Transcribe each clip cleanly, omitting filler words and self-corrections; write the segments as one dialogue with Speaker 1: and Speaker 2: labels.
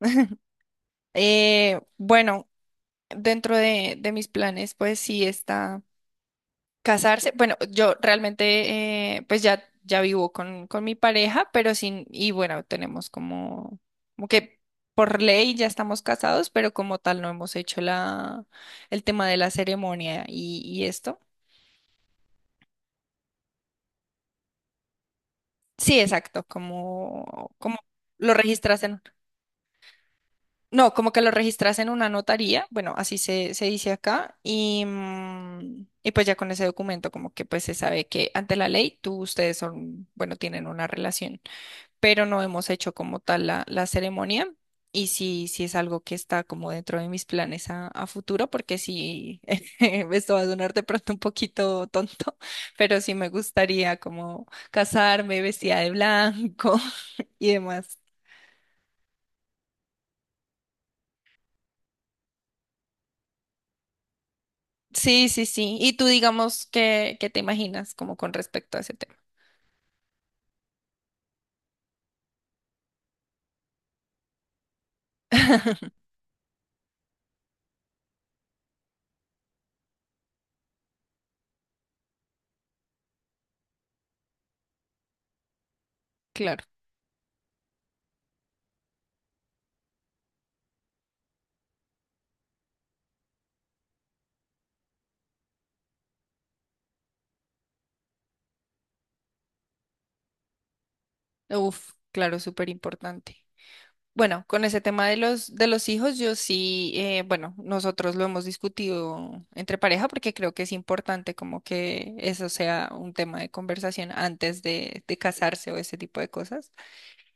Speaker 1: Eh, bueno, dentro de mis planes, pues sí está casarse. Bueno, yo realmente, pues ya vivo con mi pareja, pero sin, y bueno, tenemos como, como que por ley ya estamos casados, pero como tal no hemos hecho la, el tema de la ceremonia y esto. Sí, exacto, como lo registras. No, como que lo registras en una notaría, bueno, así se dice acá, y y pues ya con ese documento como que pues se sabe que ante la ley tú, ustedes son, bueno, tienen una relación, pero no hemos hecho como tal la ceremonia y sí, sí es algo que está como dentro de mis planes a futuro, porque sí, esto va a sonar de pronto un poquito tonto, pero sí me gustaría como casarme vestida de blanco y demás. Sí, sí, sí. Y tú digamos que te imaginas como con respecto a ese tema. Claro. Uf, claro, súper importante. Bueno, con ese tema de de los hijos, yo sí, bueno, nosotros lo hemos discutido entre pareja porque creo que es importante como que eso sea un tema de conversación antes de casarse o ese tipo de cosas.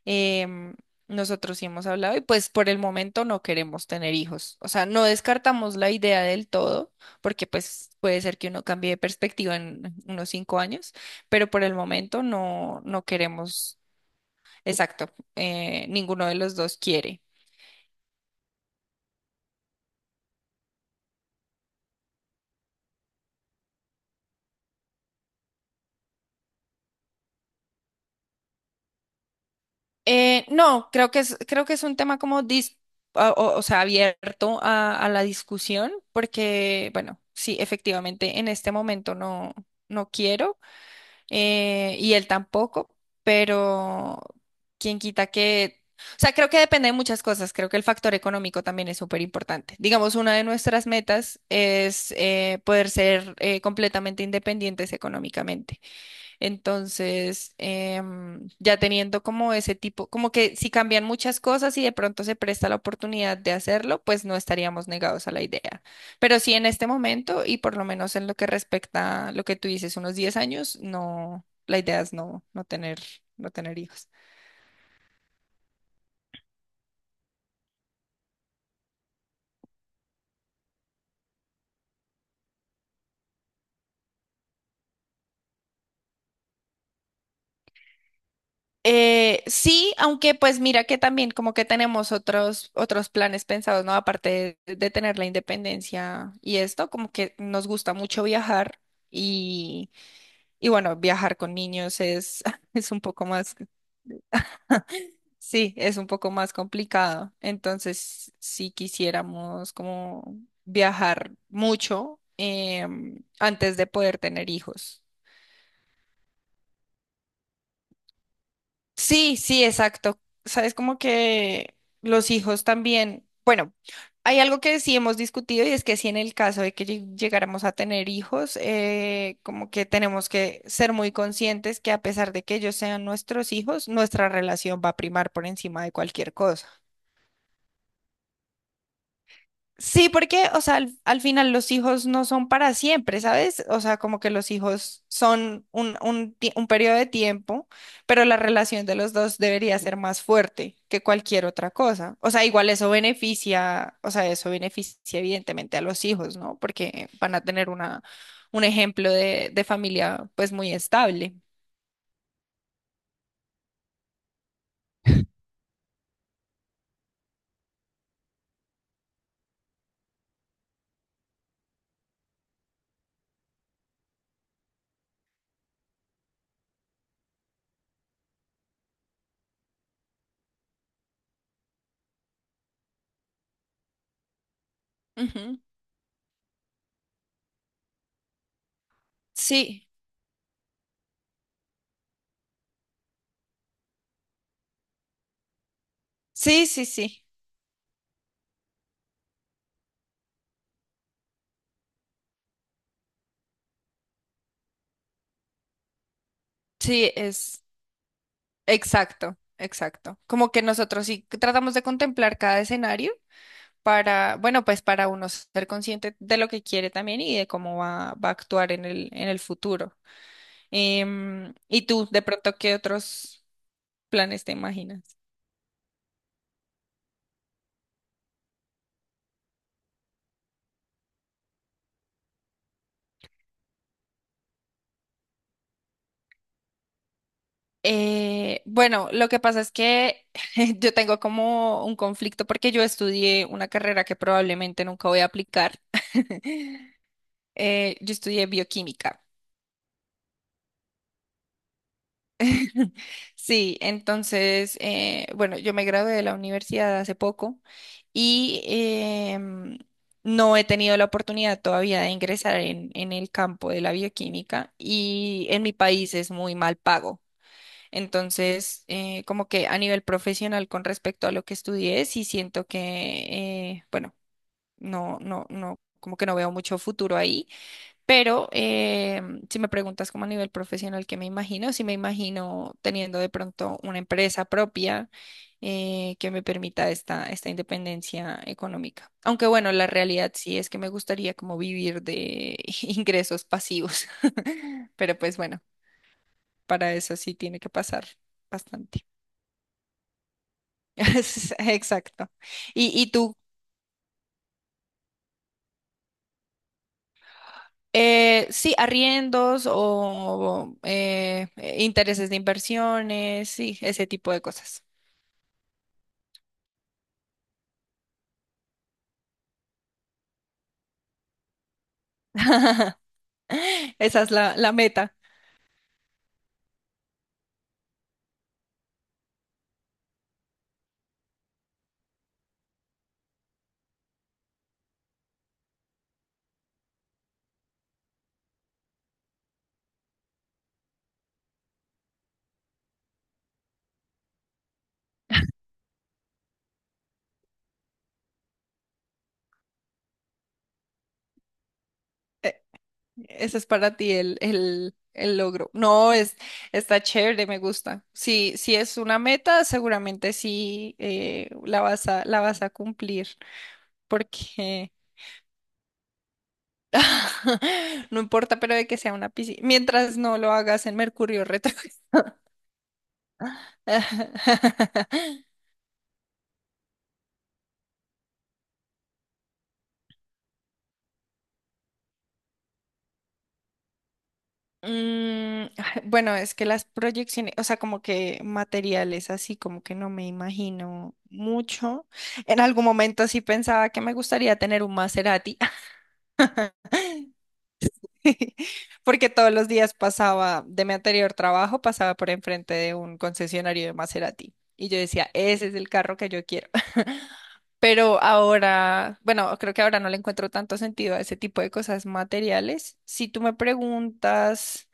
Speaker 1: Em, Nosotros sí hemos hablado y pues por el momento no queremos tener hijos. O sea, no descartamos la idea del todo, porque pues puede ser que uno cambie de perspectiva en unos 5 años, pero por el momento no, no queremos, exacto, ninguno de los dos quiere. No, creo que es un tema como o sea, abierto a la discusión, porque, bueno, sí, efectivamente, en este momento no, no quiero. Y él tampoco, pero quién quita que... O sea, creo que depende de muchas cosas. Creo que el factor económico también es súper importante. Digamos, una de nuestras metas es poder ser completamente independientes económicamente. Entonces, ya teniendo como ese tipo, como que si cambian muchas cosas y de pronto se presta la oportunidad de hacerlo, pues no estaríamos negados a la idea. Pero sí en este momento y por lo menos en lo que respecta a lo que tú dices, unos 10 años, no, la idea es no, no tener, no tener hijos. Sí, aunque pues mira que también como que tenemos otros, otros planes pensados, ¿no? Aparte de tener la independencia y esto, como que nos gusta mucho viajar. Y bueno, viajar con niños es, es un poco más, sí, es un poco más complicado. Entonces, si quisiéramos como viajar mucho antes de poder tener hijos. Sí, sí, exacto. Sabes, como que los hijos también, bueno, hay algo que sí hemos discutido y es que si en el caso de que llegáramos a tener hijos, como que tenemos que ser muy conscientes que a pesar de que ellos sean nuestros hijos, nuestra relación va a primar por encima de cualquier cosa. Sí, porque, o sea, al final los hijos no son para siempre, ¿sabes? O sea, como que los hijos son un periodo de tiempo, pero la relación de los dos debería ser más fuerte que cualquier otra cosa. O sea, igual eso beneficia, o sea, eso beneficia evidentemente a los hijos, ¿no? Porque van a tener una, un ejemplo de familia pues muy estable. Ujú. Sí, sí, sí, sí. Sí, es. Exacto, exacto. Como que nosotros sí tratamos de contemplar cada escenario para, bueno, pues para uno ser consciente de lo que quiere también y de cómo va, va a actuar en el futuro. ¿Y tú, de pronto, qué otros planes te imaginas? Bueno, lo que pasa es que yo tengo como un conflicto porque yo estudié una carrera que probablemente nunca voy a aplicar. Yo estudié bioquímica. Sí, entonces, bueno, yo me gradué de la universidad hace poco y em, no he tenido la oportunidad todavía de ingresar en el campo de la bioquímica y en mi país es muy mal pago. Entonces, como que a nivel profesional con respecto a lo que estudié, sí siento que, bueno, no, no, no, como que no veo mucho futuro ahí, pero si me preguntas como a nivel profesional, ¿qué me imagino? Sí me imagino teniendo de pronto una empresa propia, que me permita esta independencia económica. Aunque bueno, la realidad sí es que me gustaría como vivir de ingresos pasivos. Pero pues bueno, para eso sí tiene que pasar bastante. Exacto. ¿Y tú? Sí, arriendos o intereses de inversiones, sí, ese tipo de cosas. Esa es la, la meta. Eh, Ese es para ti el logro. No, es, está chévere, me gusta. Si, si es una meta, seguramente sí la vas a cumplir, porque no importa, pero de que sea una piscina, mientras no lo hagas en Mercurio retrógrado. Mm, bueno, es que las proyecciones, o sea, como que materiales así, como que no me imagino mucho. En algún momento sí pensaba que me gustaría tener un Maserati, porque todos los días pasaba de mi anterior trabajo, pasaba por enfrente de un concesionario de Maserati. Y yo decía, ese es el carro que yo quiero. Pero ahora, bueno, creo que ahora no le encuentro tanto sentido a ese tipo de cosas materiales. Si tú me preguntas...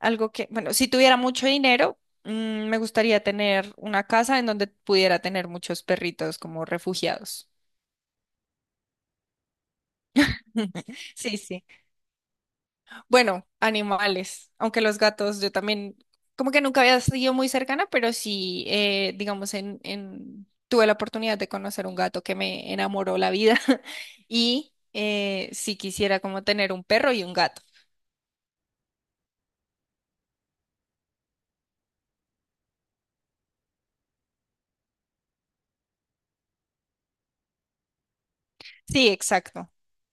Speaker 1: Algo que, bueno, si tuviera mucho dinero, mm, me gustaría tener una casa en donde pudiera tener muchos perritos como refugiados. Sí, sí. Bueno, animales, aunque los gatos, yo también, como que nunca había sido muy cercana, pero sí, digamos, tuve la oportunidad de conocer un gato que me enamoró la vida y sí quisiera como tener un perro y un gato. Sí, exacto.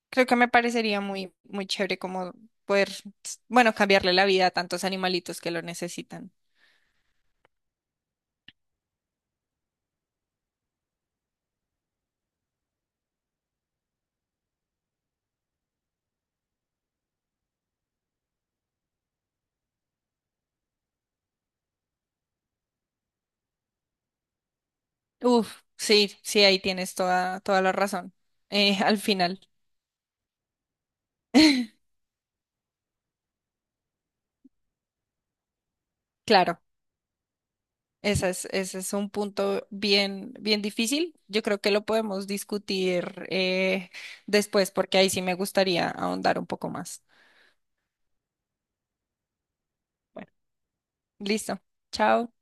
Speaker 1: Creo que me parecería muy, muy chévere como poder, bueno, cambiarle la vida a tantos animalitos que lo necesitan. Uf, sí, sí, ahí tienes toda, toda la razón. Al final. Claro, esa es- ese es un punto bien, bien difícil. Yo creo que lo podemos discutir después porque ahí sí me gustaría ahondar un poco más. Bueno, listo. Chao.